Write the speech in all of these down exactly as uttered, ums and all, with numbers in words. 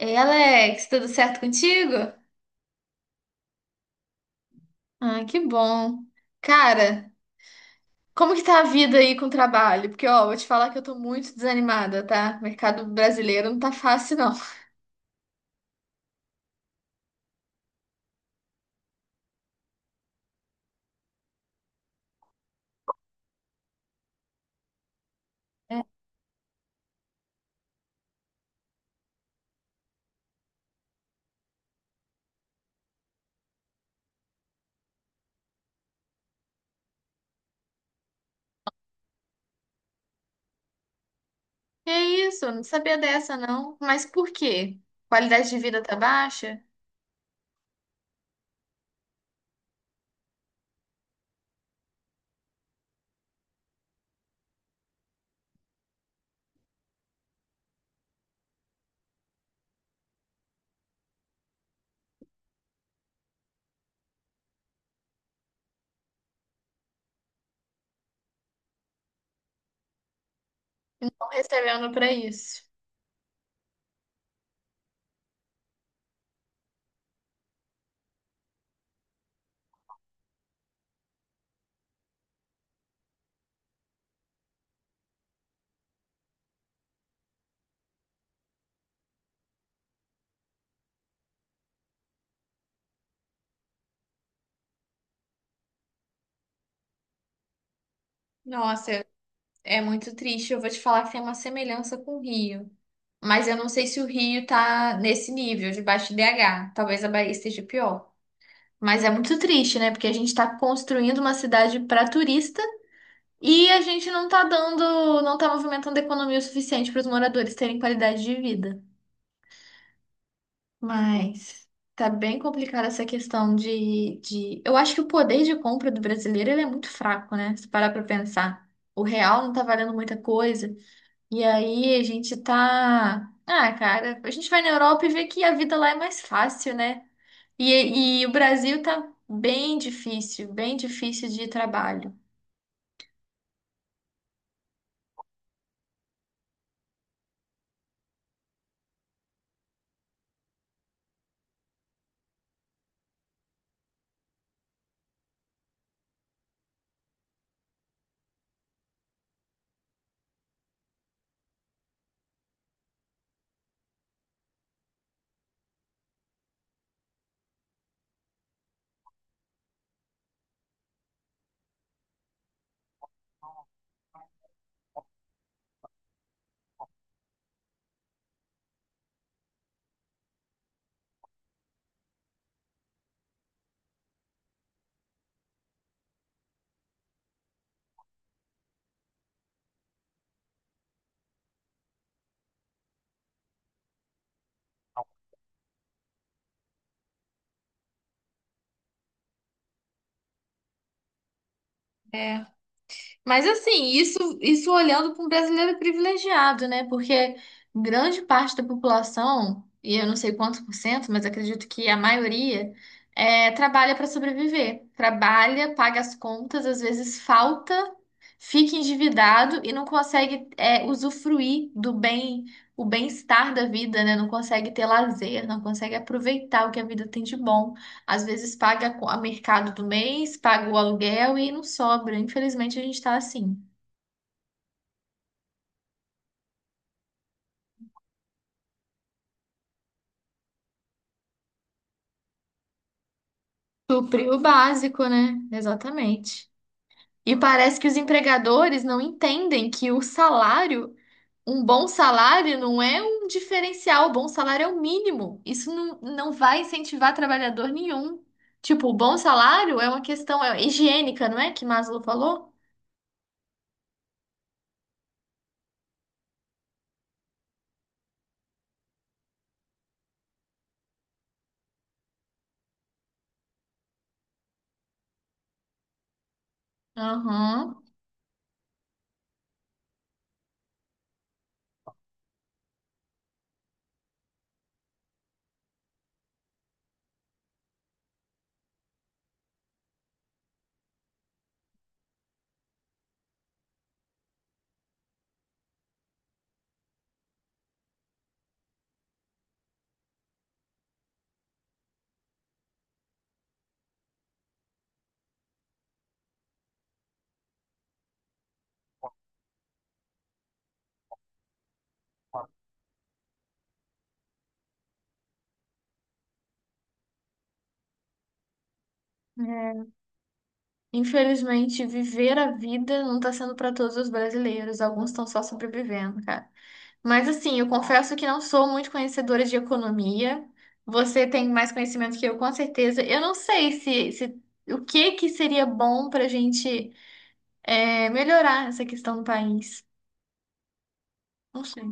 Ei, Alex, tudo certo contigo? Ah, que bom. Cara, como que tá a vida aí com o trabalho? Porque, ó, vou te falar que eu tô muito desanimada, tá? O mercado brasileiro não tá fácil, não. É, que isso? Eu não sabia dessa, não. Mas por quê? Qualidade de vida tá baixa? Estão recebendo pra isso. Nossa, é muito triste. Eu vou te falar que tem uma semelhança com o Rio. Mas eu não sei se o Rio tá nesse nível de baixo I D H. Talvez a Bahia esteja pior. Mas é muito triste, né? Porque a gente está construindo uma cidade para turista e a gente não tá dando, não tá movimentando a economia o suficiente para os moradores terem qualidade de vida. Mas tá bem complicada essa questão de, de... Eu acho que o poder de compra do brasileiro ele é muito fraco, né? Se parar para pensar. O real não tá valendo muita coisa. E aí a gente tá. Ah, cara, a gente vai na Europa e vê que a vida lá é mais fácil, né? E, e o Brasil tá bem difícil, bem difícil de trabalho. É. Mas assim, isso, isso olhando para um brasileiro privilegiado, né? Porque grande parte da população, e eu não sei quantos por cento, mas acredito que a maioria, é, trabalha para sobreviver. Trabalha, paga as contas, às vezes falta, fica endividado e não consegue, é, usufruir do bem, o bem-estar da vida, né? Não consegue ter lazer, não consegue aproveitar o que a vida tem de bom. Às vezes paga o mercado do mês, paga o aluguel e não sobra. Infelizmente a gente está assim. Suprir o básico, né? Exatamente. E parece que os empregadores não entendem que o salário, um bom salário, não é um diferencial. O bom salário é o mínimo. Isso não, não vai incentivar trabalhador nenhum. Tipo, o bom salário é uma questão é, higiênica, não é? Que Maslow falou? Aham. Infelizmente, viver a vida não está sendo para todos os brasileiros. Alguns estão só sobrevivendo, cara. Mas assim, eu confesso que não sou muito conhecedora de economia. Você tem mais conhecimento que eu, com certeza. Eu não sei se, se o que que seria bom para a gente é, melhorar essa questão do país. Não sei.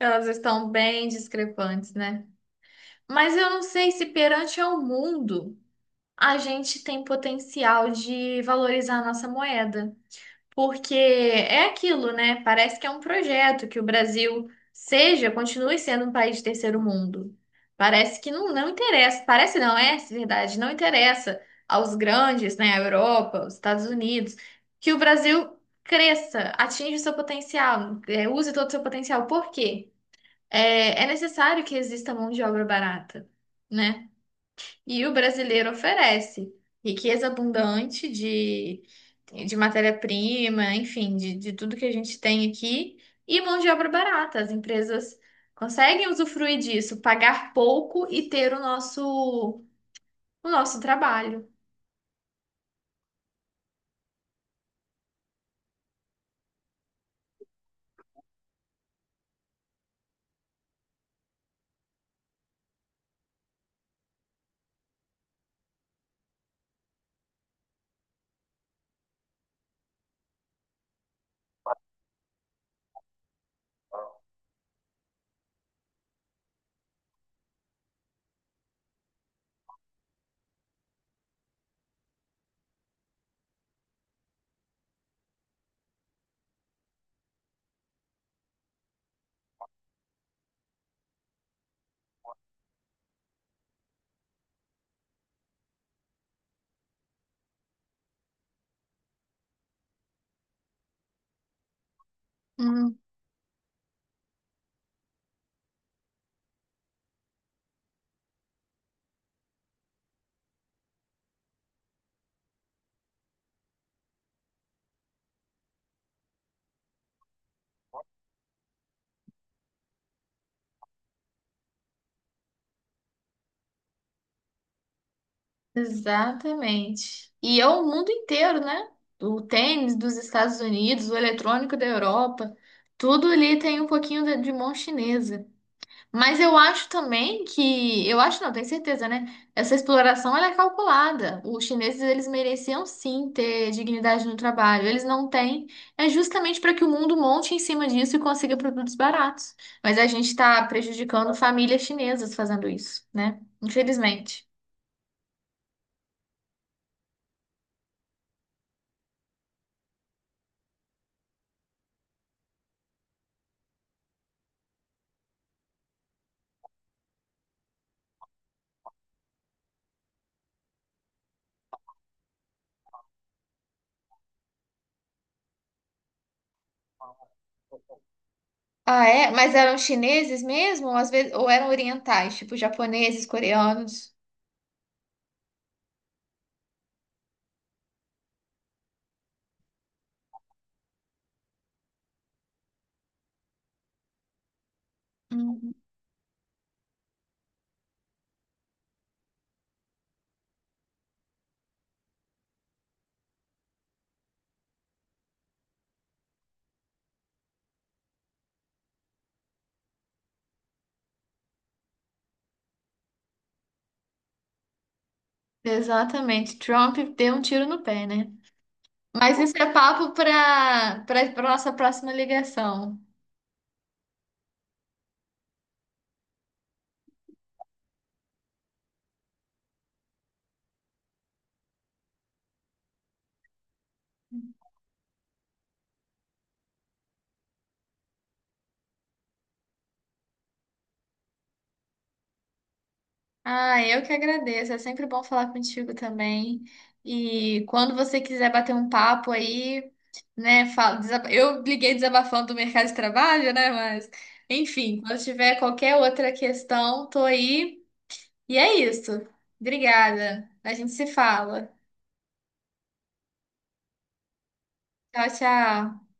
Elas estão bem discrepantes, né? Mas eu não sei se perante ao mundo a gente tem potencial de valorizar a nossa moeda. Porque é aquilo, né? Parece que é um projeto que o Brasil seja, continue sendo um país de terceiro mundo. Parece que não, não interessa, parece não, é verdade, não interessa aos grandes, né, a Europa, os Estados Unidos, que o Brasil cresça, atinja o seu potencial, é, use todo o seu potencial. Por quê? É, é necessário que exista mão de obra barata, né? E o brasileiro oferece riqueza abundante de, de matéria-prima, enfim, de, de tudo que a gente tem aqui, e mão de obra barata. As empresas conseguem usufruir disso, pagar pouco e ter o nosso, o nosso trabalho. Hum. Exatamente. E é o mundo inteiro, né? O tênis dos Estados Unidos, o eletrônico da Europa, tudo ali tem um pouquinho de de mão chinesa. Mas eu acho também que, eu acho não, tenho certeza, né? Essa exploração ela é calculada. Os chineses eles mereciam sim ter dignidade no trabalho. Eles não têm. É justamente para que o mundo monte em cima disso e consiga produtos baratos. Mas a gente está prejudicando famílias chinesas fazendo isso, né? Infelizmente. Ah, é? Mas eram chineses mesmo? Ou às vezes, ou eram orientais, tipo japoneses, coreanos? Hum, exatamente. Trump deu um tiro no pé, né? Mas isso é papo para para nossa próxima ligação. Ah, eu que agradeço. É sempre bom falar contigo também. E quando você quiser bater um papo aí, né? Fala, desab- eu liguei desabafando do mercado de trabalho, né? Mas, enfim, quando tiver qualquer outra questão, tô aí. E é isso. Obrigada. A gente se fala. Tchau, tchau.